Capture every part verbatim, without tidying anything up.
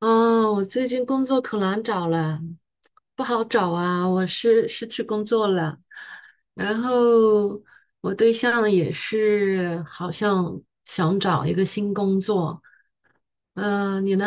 哦，我最近工作可难找了，不好找啊，我是失去工作了，然后我对象也是好像想找一个新工作。嗯、你呢？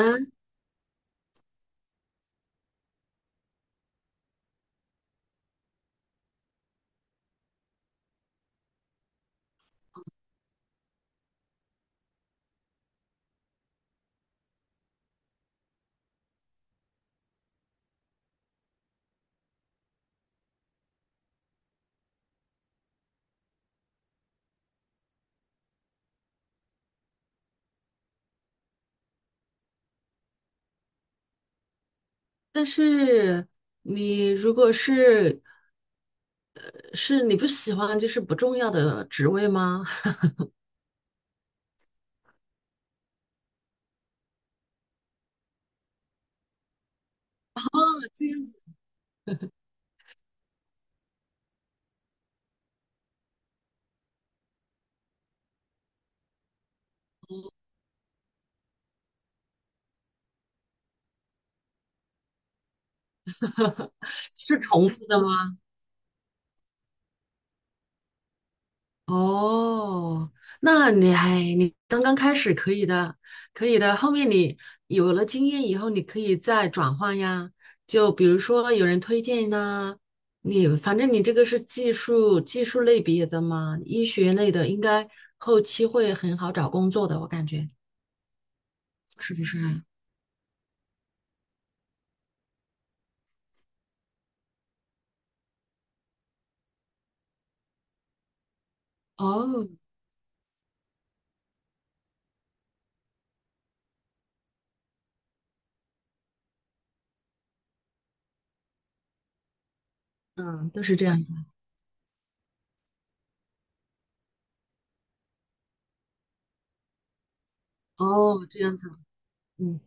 但是你如果是是你不喜欢就是不重要的职位吗？哦这样子，是重复的吗？哦，那你还你刚刚开始可以的，可以的。后面你有了经验以后，你可以再转换呀。就比如说有人推荐呐、你反正你这个是技术技术类别的嘛，医学类的应该后期会很好找工作的，我感觉是不是？哦，嗯，都是这样子。哦，这样子，嗯。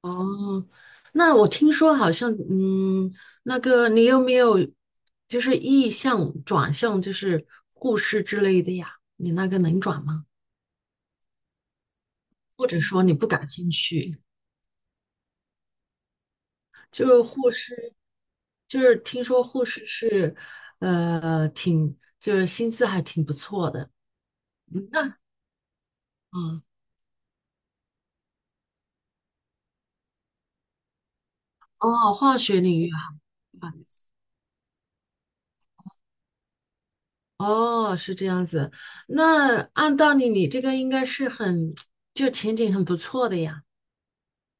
哦，那我听说好像，嗯，那个你有没有就是意向转向，就是护士之类的呀？你那个能转吗？或者说你不感兴趣？就是护士，就是听说护士是，呃，挺就是薪资还挺不错的。嗯那嗯，哦，化学领域哈。啊哦，是这样子。那按道理，你这个应该是很，就前景很不错的呀。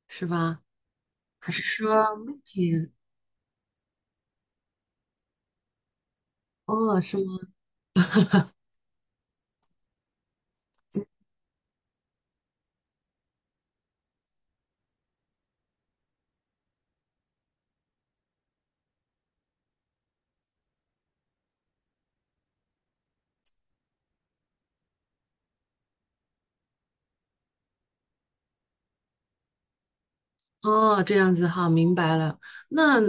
是吧？还是说目前？哦，是吗？哦，这样子哈，明白了。那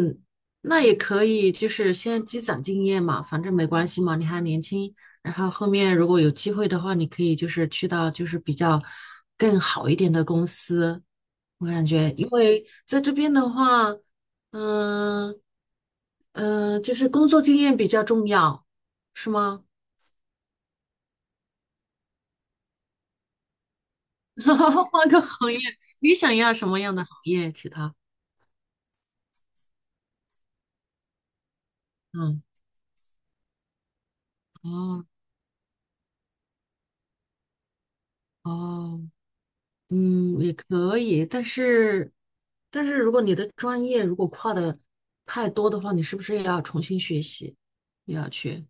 那也可以，就是先积攒经验嘛，反正没关系嘛，你还年轻。然后后面如果有机会的话，你可以就是去到就是比较更好一点的公司。我感觉，因为在这边的话，嗯、嗯、就是工作经验比较重要，是吗？换个行业，你想要什么样的行业？其他？嗯。哦哦，嗯，也可以，但是，但是如果你的专业如果跨的太多的话，你是不是也要重新学习，也要去？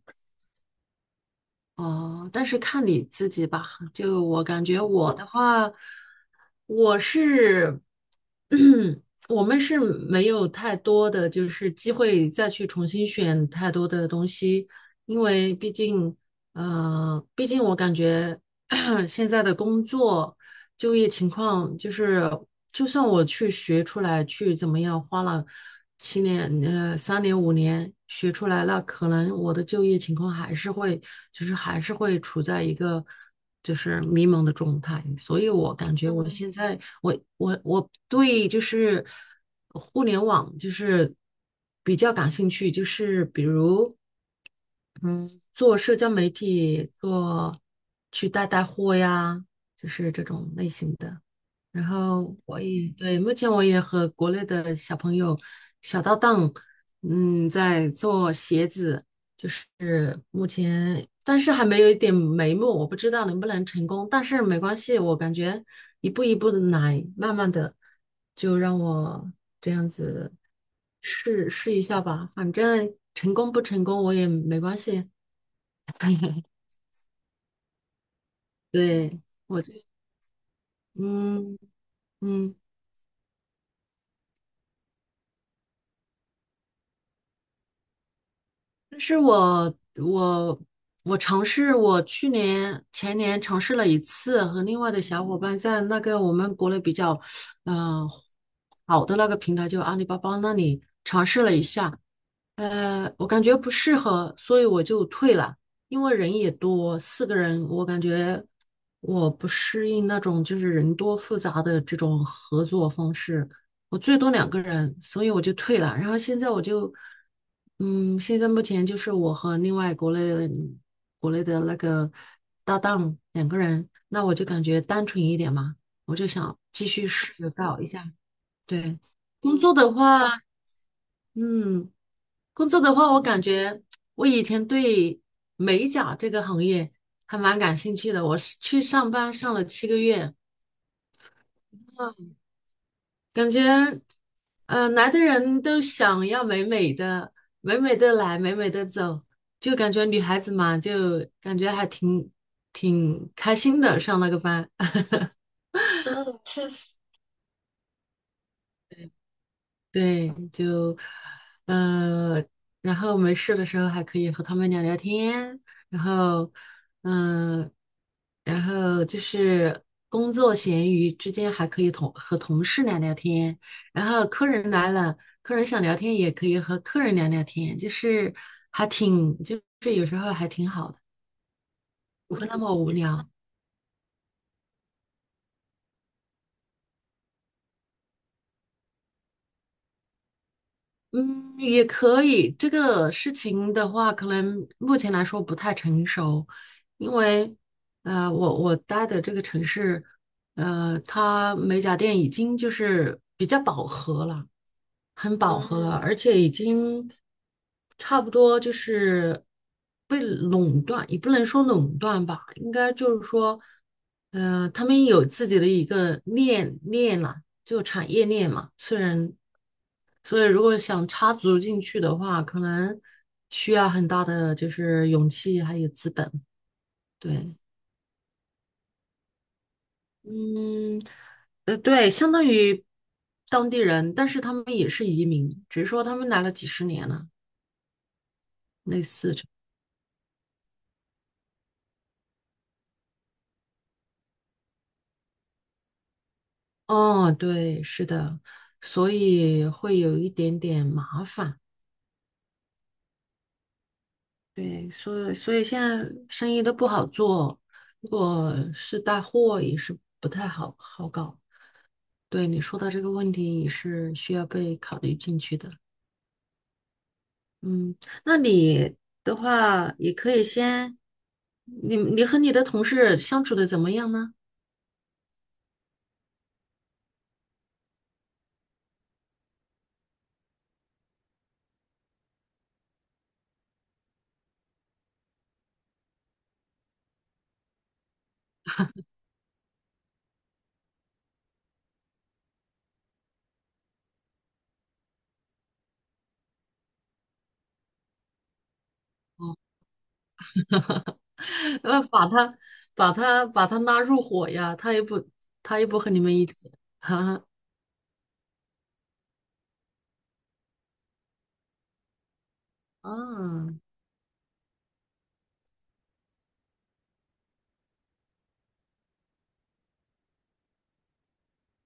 哦，但是看你自己吧。就我感觉我的话，我是，我们是没有太多的就是机会再去重新选太多的东西，因为毕竟，呃，毕竟我感觉 现在的工作。就业情况就是，就算我去学出来，去怎么样，花了七年、呃三年、五年学出来，那可能我的就业情况还是会，就是还是会处在一个就是迷茫的状态。所以我感觉我嗯现在，我我我对就是互联网就是比较感兴趣，就是比如嗯，做社交媒体，做去带带货呀，就是这种类型的。然后我也对，目前我也和国内的小朋友、小搭档，嗯，在做鞋子，就是目前，但是还没有一点眉目，我不知道能不能成功，但是没关系，我感觉一步一步的来，慢慢的，就让我这样子试试一下吧，反正成功不成功我也没关系，对，我就，嗯嗯。但是我我我尝试，我去年前年尝试了一次，和另外的小伙伴在那个我们国内比较，嗯、呃好的那个平台，就阿里巴巴那里尝试了一下，呃，我感觉不适合，所以我就退了。因为人也多，四个人，我感觉我不适应那种就是人多复杂的这种合作方式。我最多两个人，所以我就退了。然后现在我就，嗯，现在目前就是我和另外国内的国内的那个搭档两个人，那我就感觉单纯一点嘛，我就想继续试搞一下。对，工作的话，嗯。工作的话，我感觉我以前对美甲这个行业还蛮感兴趣的。我是去上班上了七个月，感觉，呃，来的人都想要美美的，美美的来，美美的走，就感觉女孩子嘛，就感觉还挺挺开心的上那个班。对，就，呃，然后没事的时候还可以和他们聊聊天，然后，嗯、然后就是工作闲余之间还可以同和同事聊聊天，然后客人来了，客人想聊天也可以和客人聊聊天，就是还挺，就是有时候还挺好的，不会那么无聊。嗯，也可以。这个事情的话，可能目前来说不太成熟，因为呃，我我待的这个城市，呃，它美甲店已经就是比较饱和了。很饱和了，嗯而且已经差不多就是被垄断，也不能说垄断吧，应该就是说，呃，他们有自己的一个链链了，就产业链嘛。虽然，所以如果想插足进去的话，可能需要很大的就是勇气还有资本。对，嗯，呃，对，相当于当地人，但是他们也是移民，只是说他们来了几十年了。类似这，哦，对，是的，所以会有一点点麻烦，对，所以所以现在生意都不好做，如果是带货也是不太好好搞。对，你说到这个问题也是需要被考虑进去的。嗯，那你的话也可以先，你你和你的同事相处的怎么样呢？哦，要把他把他把他拉入伙呀，他也不他也不和你们一起。啊，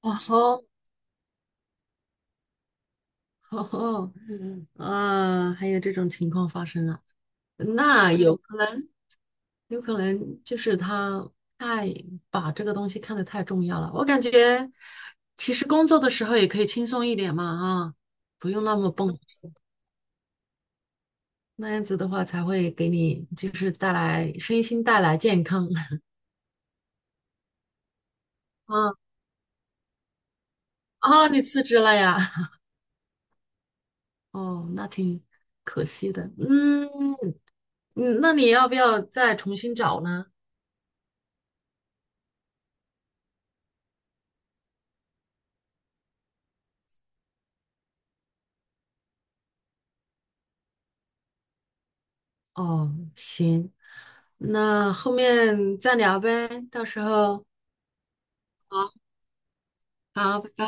哦吼，哦吼，啊，还有这种情况发生啊？那有可能，有可能就是他太把这个东西看得太重要了。我感觉其实工作的时候也可以轻松一点嘛，啊，不用那么绷，那样子的话才会给你就是带来身心带来健康。啊啊，你辞职了呀？哦，那挺可惜的。嗯嗯，那你要不要再重新找呢？哦，行，那后面再聊呗，到时候好，好，拜拜。